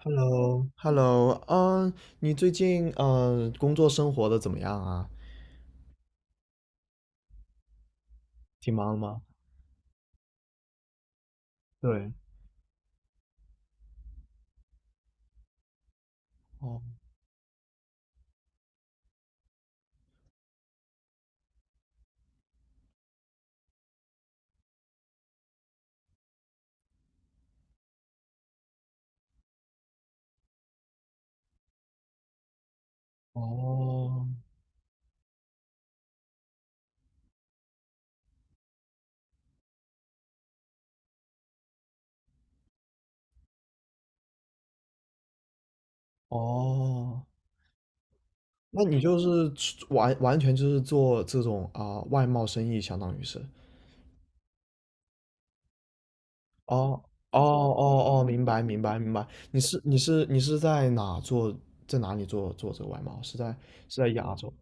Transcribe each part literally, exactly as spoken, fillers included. Hello，Hello，嗯，你最近嗯工作生活的怎么样啊？挺忙的吗？对，哦哦哦，那你就是出完完全就是做这种啊、外贸生意，相当于是。哦哦哦哦，明白明白明白。你是你是你是在哪做，在哪里做做这个外贸？是在是在亚洲？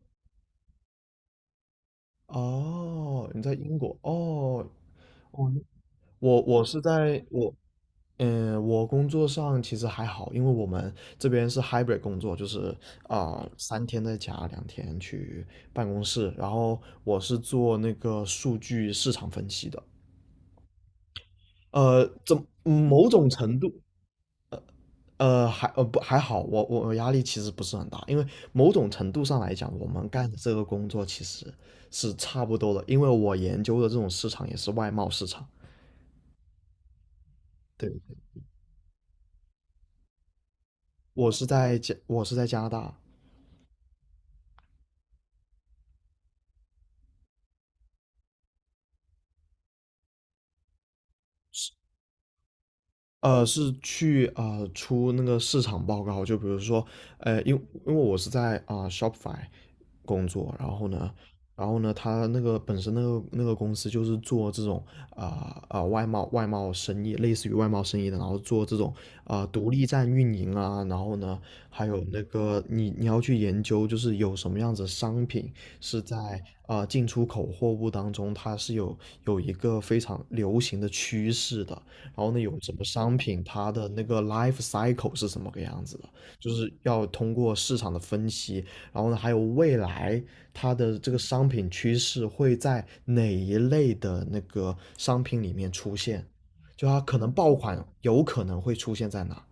哦，你在英国？哦。我我我是在我嗯，我工作上其实还好，因为我们这边是 hybrid 工作，就是啊、呃三天在家，两天去办公室。然后我是做那个数据市场分析的，呃，怎嗯某种程度，呃还呃不还好，我我我压力其实不是很大，因为某种程度上来讲，我们干的这个工作其实是差不多的，因为我研究的这种市场也是外贸市场。对，我是在加，我是在加拿大。呃，是去啊、呃出那个市场报告，就比如说，呃，因因为我是在啊、呃 Shopify 工作，然后呢，然后呢，他那个本身那个那个公司就是做这种啊啊、呃呃外贸外贸生意，类似于外贸生意的，然后做这种啊、呃独立站运营啊，然后呢，还有那个你你要去研究，就是有什么样子的商品是在啊、呃进出口货物当中，它是有有一个非常流行的趋势的。然后呢，有什么商品，它的那个 life cycle 是什么个样子的，就是要通过市场的分析，然后呢，还有未来它的这个商品趋势会在哪一类的那个商品里面出现，就它可能爆款有可能会出现在哪？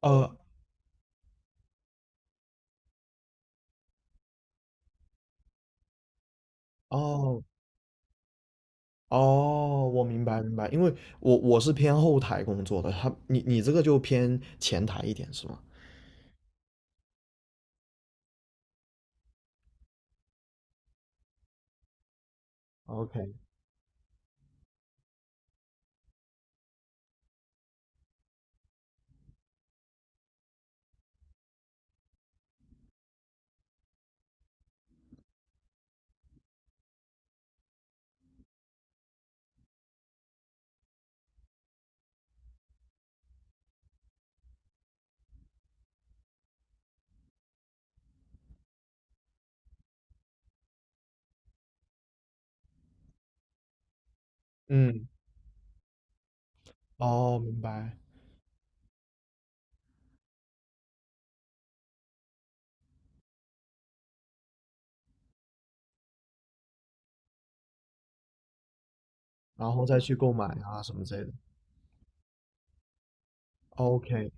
呃，哦哦，我明白明白，因为我我是偏后台工作的，他你你这个就偏前台一点是吗？OK，嗯，哦，明白。然后再去购买啊什么之类的。OK，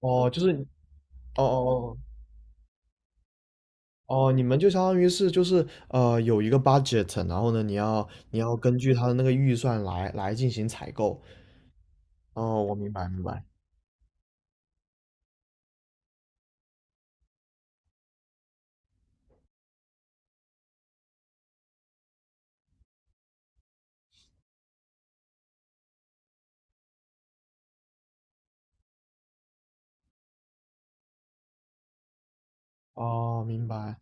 哦，就是，哦哦哦哦，你们就相当于是就是呃有一个 budget，然后呢你要你要根据他的那个预算来来进行采购。哦，我明白明白。哦，明白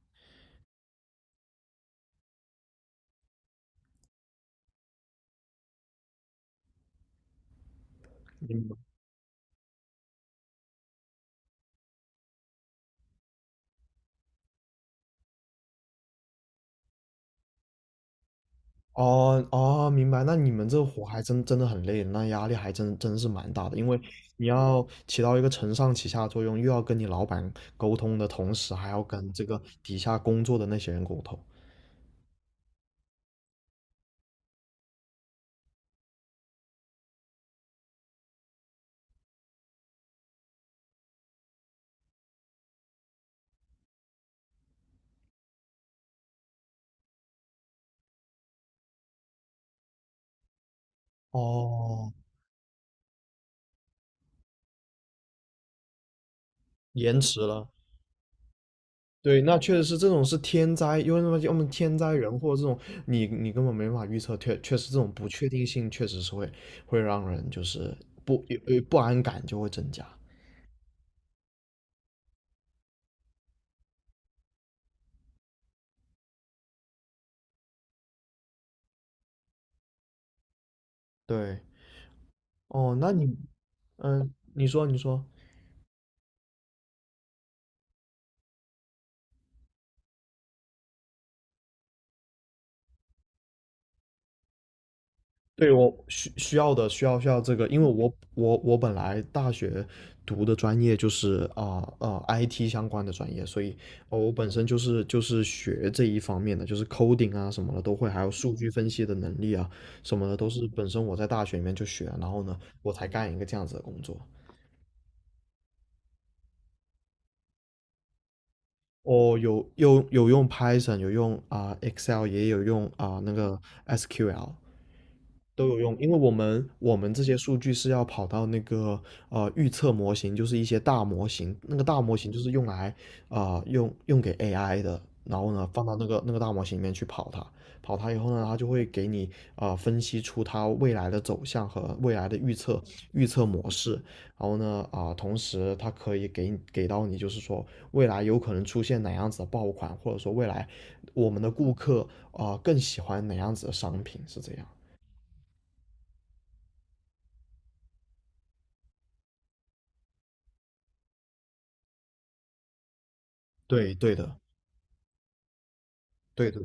明白。哦哦，明白。那你们这活还真真的很累，那压力还真真是蛮大的，因为你要起到一个承上启下的作用，又要跟你老板沟通的同时，还要跟这个底下工作的那些人沟通。哦，延迟了。对，那确实是这种是天灾，因为什么？要么天灾人祸这种，你你根本没法预测，确确实这种不确定性确实是会会让人就是不呃不安感就会增加。对，哦，那你嗯，你说你说。对我需需要的需要需要这个，因为我我我本来大学读的专业就是啊啊、I T 相关的专业，所以、呃我本身就是就是学这一方面的，就是 coding 啊什么的都会，还有数据分析的能力啊什么的都是本身我在大学里面就学，然后呢我才干一个这样子的工作。我有有有用 Python，有用啊、Excel，也有用啊、那个 S Q L。都有用，因为我们我们这些数据是要跑到那个呃预测模型，就是一些大模型，那个大模型就是用来啊、呃用用给 A I 的，然后呢放到那个那个大模型里面去跑它，跑它以后呢，它就会给你啊、呃分析出它未来的走向和未来的预测预测模式，然后呢啊、呃同时它可以给你给到你就是说未来有可能出现哪样子的爆款，或者说未来我们的顾客啊、呃更喜欢哪样子的商品，是这样。对对的，对的，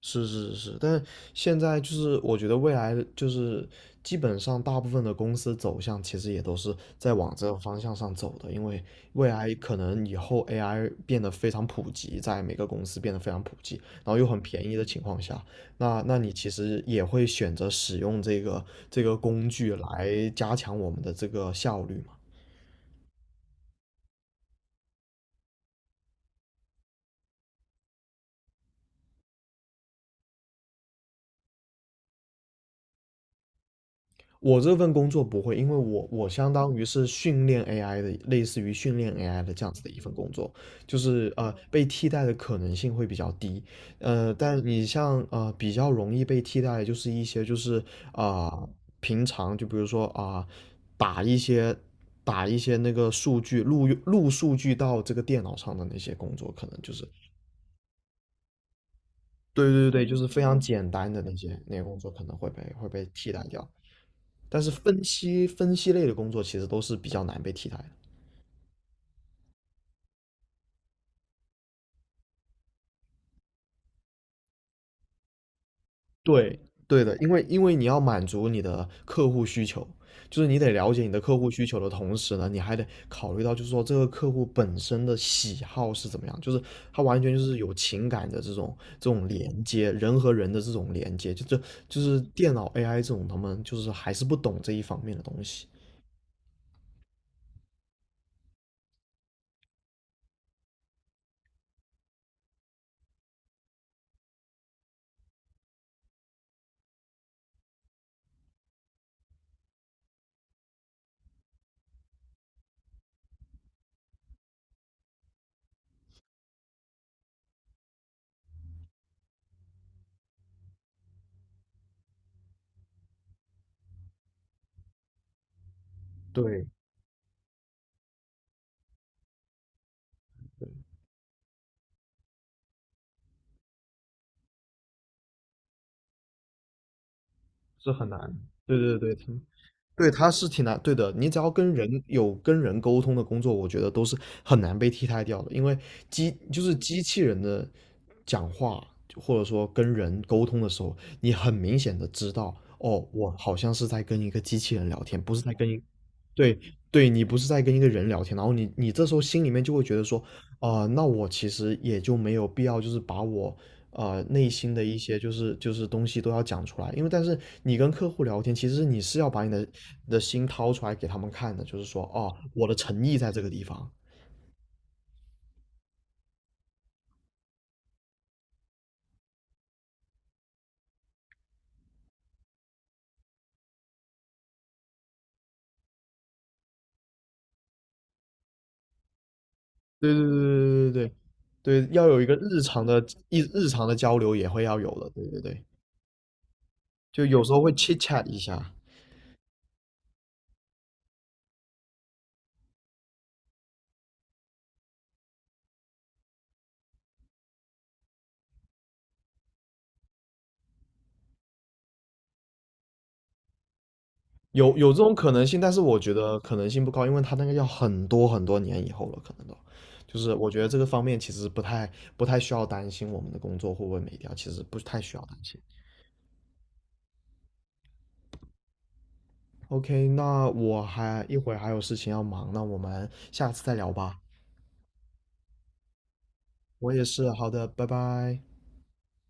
是是是是，但现在就是我觉得未来就是基本上大部分的公司走向其实也都是在往这个方向上走的，因为未来可能以后 A I 变得非常普及，在每个公司变得非常普及，然后又很便宜的情况下，那那你其实也会选择使用这个这个工具来加强我们的这个效率嘛。我这份工作不会，因为我我相当于是训练 A I 的，类似于训练 A I 的这样子的一份工作，就是呃被替代的可能性会比较低，呃，但你像呃比较容易被替代的就是一些就是啊、呃平常就比如说啊、打一些打一些那个数据录录数据到这个电脑上的那些工作，可能就是对对对，就是非常简单的那些那些工作可能会被会被替代掉。但是分析分析类的工作其实都是比较难被替代的。对，对的，因为因为你要满足你的客户需求，就是你得了解你的客户需求的同时呢，你还得考虑到就是说这个客户本身的喜好是怎么样，就是他完全就是有情感的这种这种连接，人和人的这种连接，就这就是电脑 A I 这种他们就是还是不懂这一方面的东西。对，对，是很难。对对对，对，它是挺难，对的。你只要跟人有跟人沟通的工作，我觉得都是很难被替代掉的，因为机就是机器人的讲话，或者说跟人沟通的时候，你很明显的知道，哦，我好像是在跟一个机器人聊天，不是在跟一，对对，你不是在跟一个人聊天，然后你你这时候心里面就会觉得说，啊、那我其实也就没有必要，就是把我呃内心的一些就是就是东西都要讲出来，因为但是你跟客户聊天，其实你是要把你的你的心掏出来给他们看的，就是说哦，我的诚意在这个地方。对对对对对对对，要有一个日常的一日常的交流也会要有的，对对对，就有时候会切 h chat 一下，有有这种可能性，但是我觉得可能性不高，因为他那个要很多很多年以后了，可能都。就是我觉得这个方面其实不太不太需要担心我们的工作会不会没掉，其实不太需要担心。OK，那我还一会儿还有事情要忙，那我们下次再聊吧。我也是，好的，拜拜。